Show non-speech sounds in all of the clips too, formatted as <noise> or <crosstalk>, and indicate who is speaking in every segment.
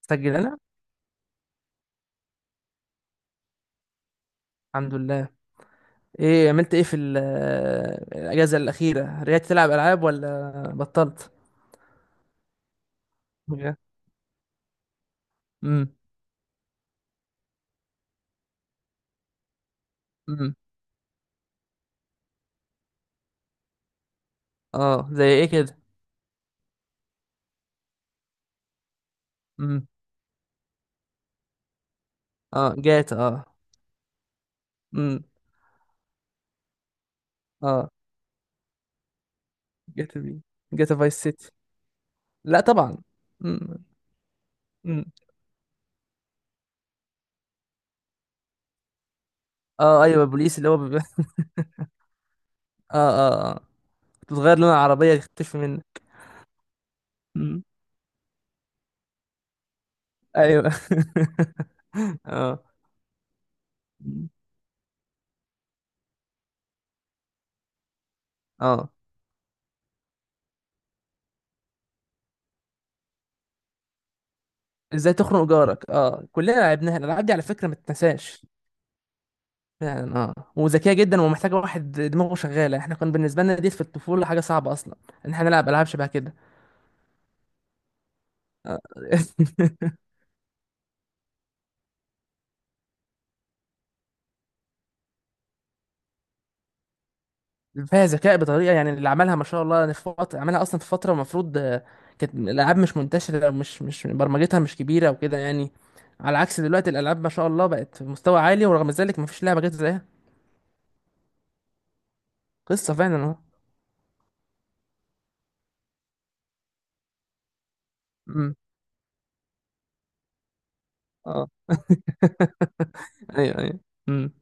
Speaker 1: سجل انا. الحمد لله. ايه عملت ايه في الاجازه الاخيره، رجعت تلعب العاب ولا بطلت؟ امم امم اه، زي ايه كده؟ امم اه جاتا اه. امم اه جاتا بي، جاتا فايس سيتي. لا طبعا. امم امم اه ايوه، بوليس اللي هو بيبقى. <laughs> اه اه اه بتتغير لون العربيه تختفي منك. امم ايوه. <laughs> اه. مم. اه، ازاي تخنق جارك، اه كلنا لعبناها، الالعاب دي على فكره ما تتنساش. فعلا، اه، وذكيه جدا ومحتاجه واحد دماغه شغاله. احنا كان بالنسبه لنا دي في الطفوله حاجه صعبه اصلا ان احنا نلعب العاب شبه كده. آه. <laughs> فيها ذكاء بطريقه، يعني اللي عملها ما شاء الله، أنا في فتره عملها اصلا، في فتره المفروض آه، كانت الالعاب مش منتشره، مش برمجتها مش كبيره وكده يعني. على عكس دلوقتي الالعاب ما شاء الله بقت في مستوى عالي، ورغم ذلك ما فيش لعبه جت زيها. قصه فعلا اهو. امم اه. <laughs> ايوه ايوه. امم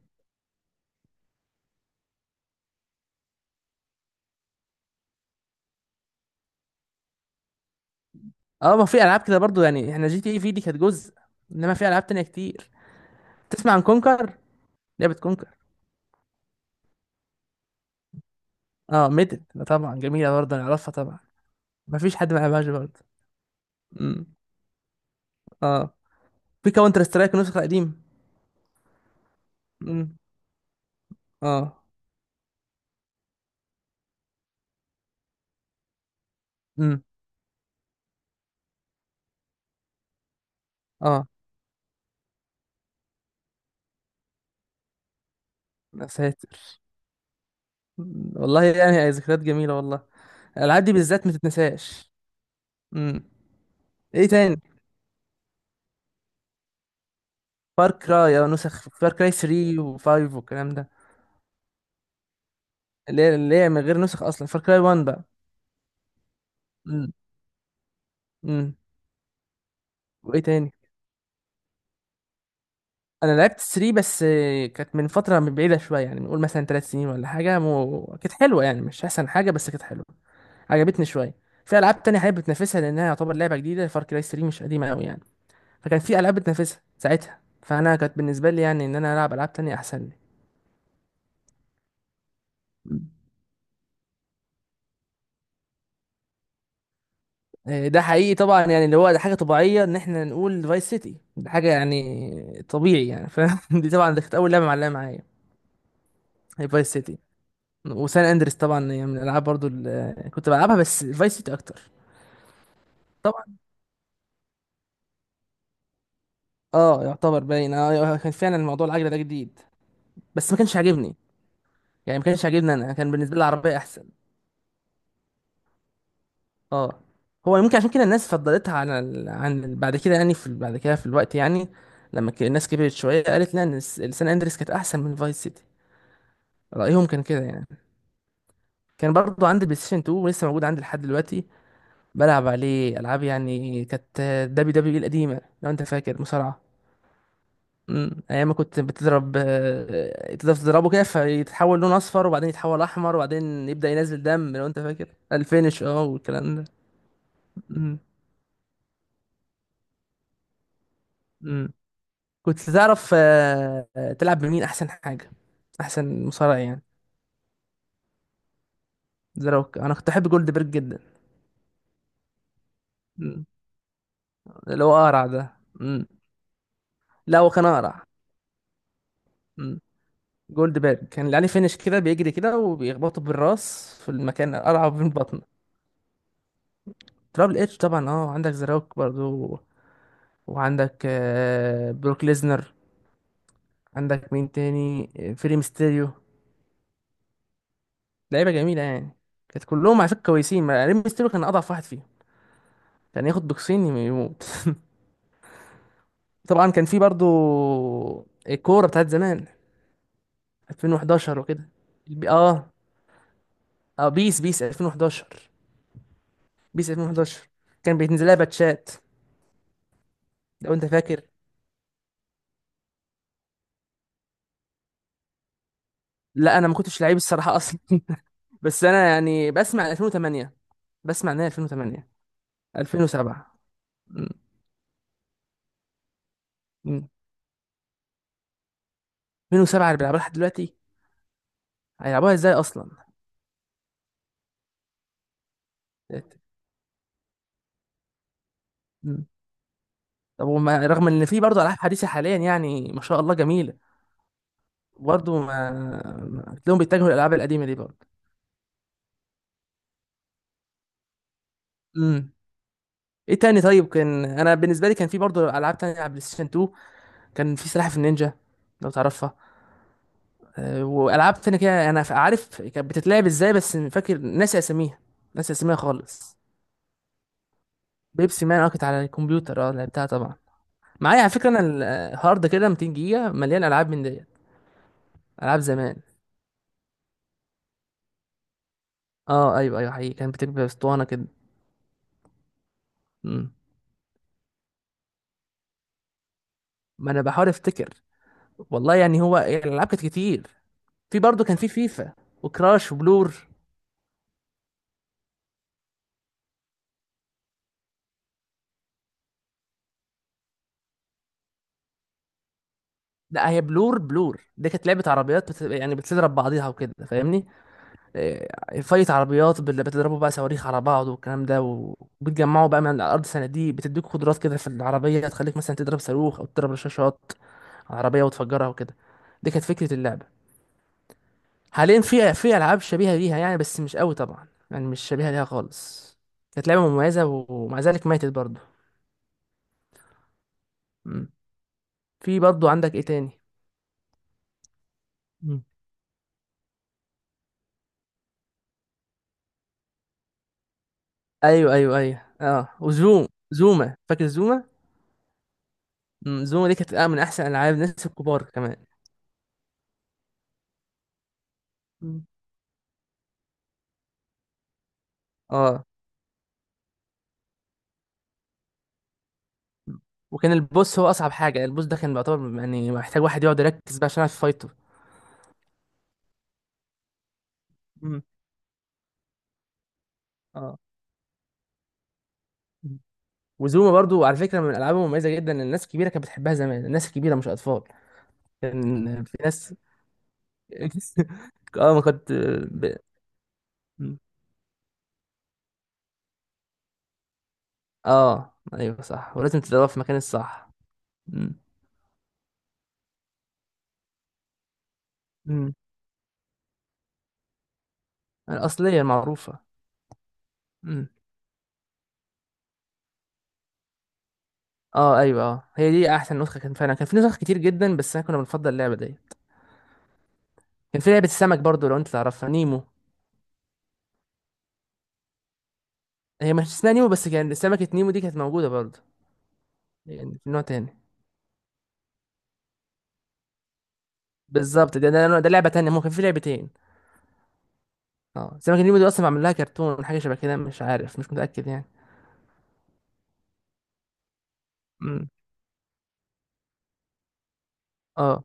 Speaker 1: اه. ما في العاب كده برضو، يعني احنا جي تي اي في دي كانت جزء، انما في العاب تانية كتير. تسمع عن كونكر، لعبة كونكر؟ اه، ميدل طبعا جميلة برضه، انا اعرفها طبعا. مفيش حد ما يلعبهاش برضه. امم اه. في كاونتر سترايك نسخة قديم. امم اه. امم اه. يا ساتر. مم. والله يعني هي ذكريات جميلة والله. الالعاب دي بالذات ما تتنساش. امم ايه تاني؟ فار كراي، اه نسخ فار كراي 3 و5 والكلام ده. اللي هي من غير نسخ اصلا فار كراي 1 بقى. امم امم وايه تاني؟ انا لعبت 3 بس، آه كانت من فتره، من بعيده شويه، يعني نقول مثلا 3 سنين ولا حاجه، كانت حلوه يعني، مش احسن حاجه بس كانت حلوه، عجبتني شويه. في العاب تانية حابب بتنافسها، لانها يعتبر لعبه جديده، فار كراي 3 مش قديمه قوي يعني، فكان في العاب بتنافسها ساعتها، فانا كانت بالنسبه لي يعني ان انا العب العاب تانية احسن لي. آه ده حقيقي طبعا، يعني اللي هو ده حاجه طبيعيه ان احنا نقول فايس سيتي ده حاجه يعني طبيعي يعني، فدي <laughs> طبعا دي كانت اول لعبه معلقه معايا، هي فايس سيتي. وسان اندريس طبعا هي من الالعاب برضو اللي كنت بلعبها، بس فايس سيتي اكتر. طبعا. اه يعتبر باين، اه آه كان فعلا الموضوع العجله ده جديد، بس ما كانش عاجبني، يعني ما كانش عاجبني، انا كان بالنسبه لي العربيه احسن. اه هو ممكن عشان كده الناس فضلتها على بعد كده، يعني في بعد كده في الوقت يعني لما الناس كبرت شويه قالت لا، ان السان اندريس كانت احسن من فايس سيتي. رايهم كان كده يعني. كان برضو عندي بلاي ستيشن 2 ولسه موجود عندي لحد دلوقتي، بلعب عليه العاب، يعني كانت دبليو دبليو اي القديمه لو انت فاكر، مصارعه. ايام ما كنت بتضرب آه، تقدر تضربه كده فيتحول لون اصفر، وبعدين يتحول احمر، وبعدين يبدأ ينزل دم لو انت فاكر الفينش اه والكلام ده. امم امم كنت تعرف تلعب بمين احسن حاجة، احسن مصارع يعني؟ ذا روك. انا كنت احب جولد بيرج جدا. مم. اللي هو اقرع ده. مم. لا هو كان اقرع. مم. جولد بيرج كان اللي عليه فينش كده، بيجري كده وبيخبطه بالراس في المكان القرع وفي البطن. ترابل اتش طبعا اه. عندك ذا روك برضو، وعندك آه بروك ليزنر. عندك مين تاني آه، فري ميستيريو. لعيبه جميله يعني. كانت كلهم على فكره كويسين، ري ميستيريو كان اضعف واحد فيهم، كان ياخد بوكسين يموت. <laughs> طبعا كان في برضو الكوره بتاعت زمان 2011 وكده. البي- اه اه بيس 2011. بيس 2011 كان بينزل لها باتشات لو انت فاكر. لا انا ما كنتش لعيب الصراحه اصلا. <laughs> بس انا يعني بسمع 2008، بسمع ان هي 2008. 2007. م- م. 2007 اللي بيلعبوها لحد دلوقتي، هيلعبوها ازاي اصلا؟ م. طب وما رغم ان في برضه العاب حديثه حاليا يعني ما شاء الله جميله، برضه تلاقيهم بيتجهوا للالعاب القديمه دي برضه. امم ايه تاني؟ طيب كان انا بالنسبه لي كان في برضه العاب تانية على بلاي ستيشن 2. كان في سلاحف النينجا لو تعرفها. آه، والعاب تانية كده انا عارف كانت بتتلعب ازاي، بس فاكر ناسي اساميها، ناسي اساميها خالص. بيبسي مان اه كانت على الكمبيوتر، اه لعبتها طبعا. معايا على فكره انا الهارد كده 200 جيجا مليان العاب من ديت. العاب زمان. اه ايوه ايوه حقيقي، كان بتبقى اسطوانه كده. مم. ما انا بحاول افتكر، والله يعني هو يعني الالعاب كانت كتير. في برضه كان في فيفا، وكراش، وبلور. لا هي بلور، بلور دي كانت لعبه عربيات يعني بتضرب بعضيها وكده فاهمني. آه فايت عربيات بتضربوا بقى صواريخ على بعض والكلام ده، و- وبتجمعوا بقى من على الارض صناديق بتديك قدرات كده في العربيه تخليك مثلا تضرب صاروخ او تضرب رشاشات على العربيه وتفجرها وكده. دي كانت فكره اللعبه. حاليا في العاب شبيهه ليها يعني، بس مش قوي طبعا، يعني مش شبيهه ليها خالص. كانت لعبه مميزه ومع ذلك ماتت برضه. مم. في برضه عندك ايه تاني؟ مم. ايوه ايوه ايوه، اه زوما، فاكر زوما؟ مم، زوما دي كانت من احسن العاب الناس الكبار كمان. مم. اه. وكان البوس هو اصعب حاجه، البوس ده كان بيعتبر يعني محتاج واحد يقعد يركز بقى عشان يعرف يفايته. مم. اه. مم. وزوما برضو على فكره من الالعاب المميزه جدا، الناس الكبيره كانت بتحبها زمان، الناس الكبيره مش اطفال. كان في ناس. <laughs> اه ما كنت ب... اه ايوه صح، ولازم تدورها في المكان الصح. مم. امم الأصلية المعروفة. مم. اه ايوه، اه هي دي احسن نسخة. كان فعلا كان في نسخ كتير جدا، بس احنا كنا بنفضل اللعبة دي. كان في لعبة السمك برضو لو انت تعرفها، نيمو. هي مش اسمها نيمو، بس كان سمكة نيمو دي كانت موجودة برضو، يعني في نوع تاني. بالظبط، ده لعبة تانية، ممكن في لعبتين. اه سمكة نيمو دي اصلا معمول لها كرتون، حاجة شبه كده مش عارف مش متأكد يعني. مم. اه.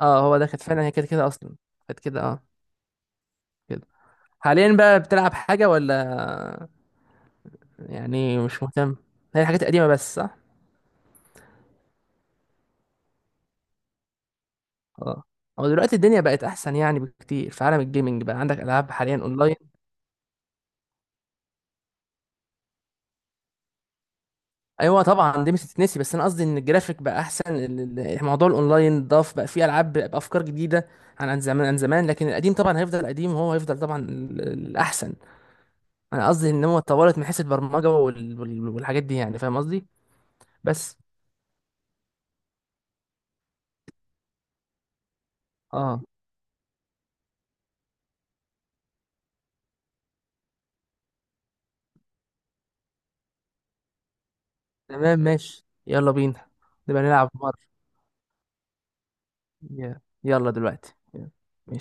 Speaker 1: اه هو ده، كانت فعلا هي كانت كده اصلا. كانت كده اه كده. حاليا بقى بتلعب حاجة ولا؟ يعني مش مهتم، هي الحاجات القديمة بس صح. اه، هو دلوقتي الدنيا بقت احسن يعني بكتير، في عالم الجيمنج بقى عندك العاب حاليا اونلاين. ايوه طبعا دي مش هتتنسي، بس انا قصدي ان الجرافيك بقى احسن، موضوع الاونلاين ضاف بقى فيه العاب بافكار جديده عن زمان، لكن القديم طبعا هيفضل قديم، وهو هيفضل طبعا الاحسن. انا قصدي ان هو اتطورت من حيث البرمجه والحاجات دي يعني، فاهم قصدي؟ بس اه. تمام ماشي، يلا بينا. نبقى نلعب مرة. يلا دلوقتي، يلا. ماشي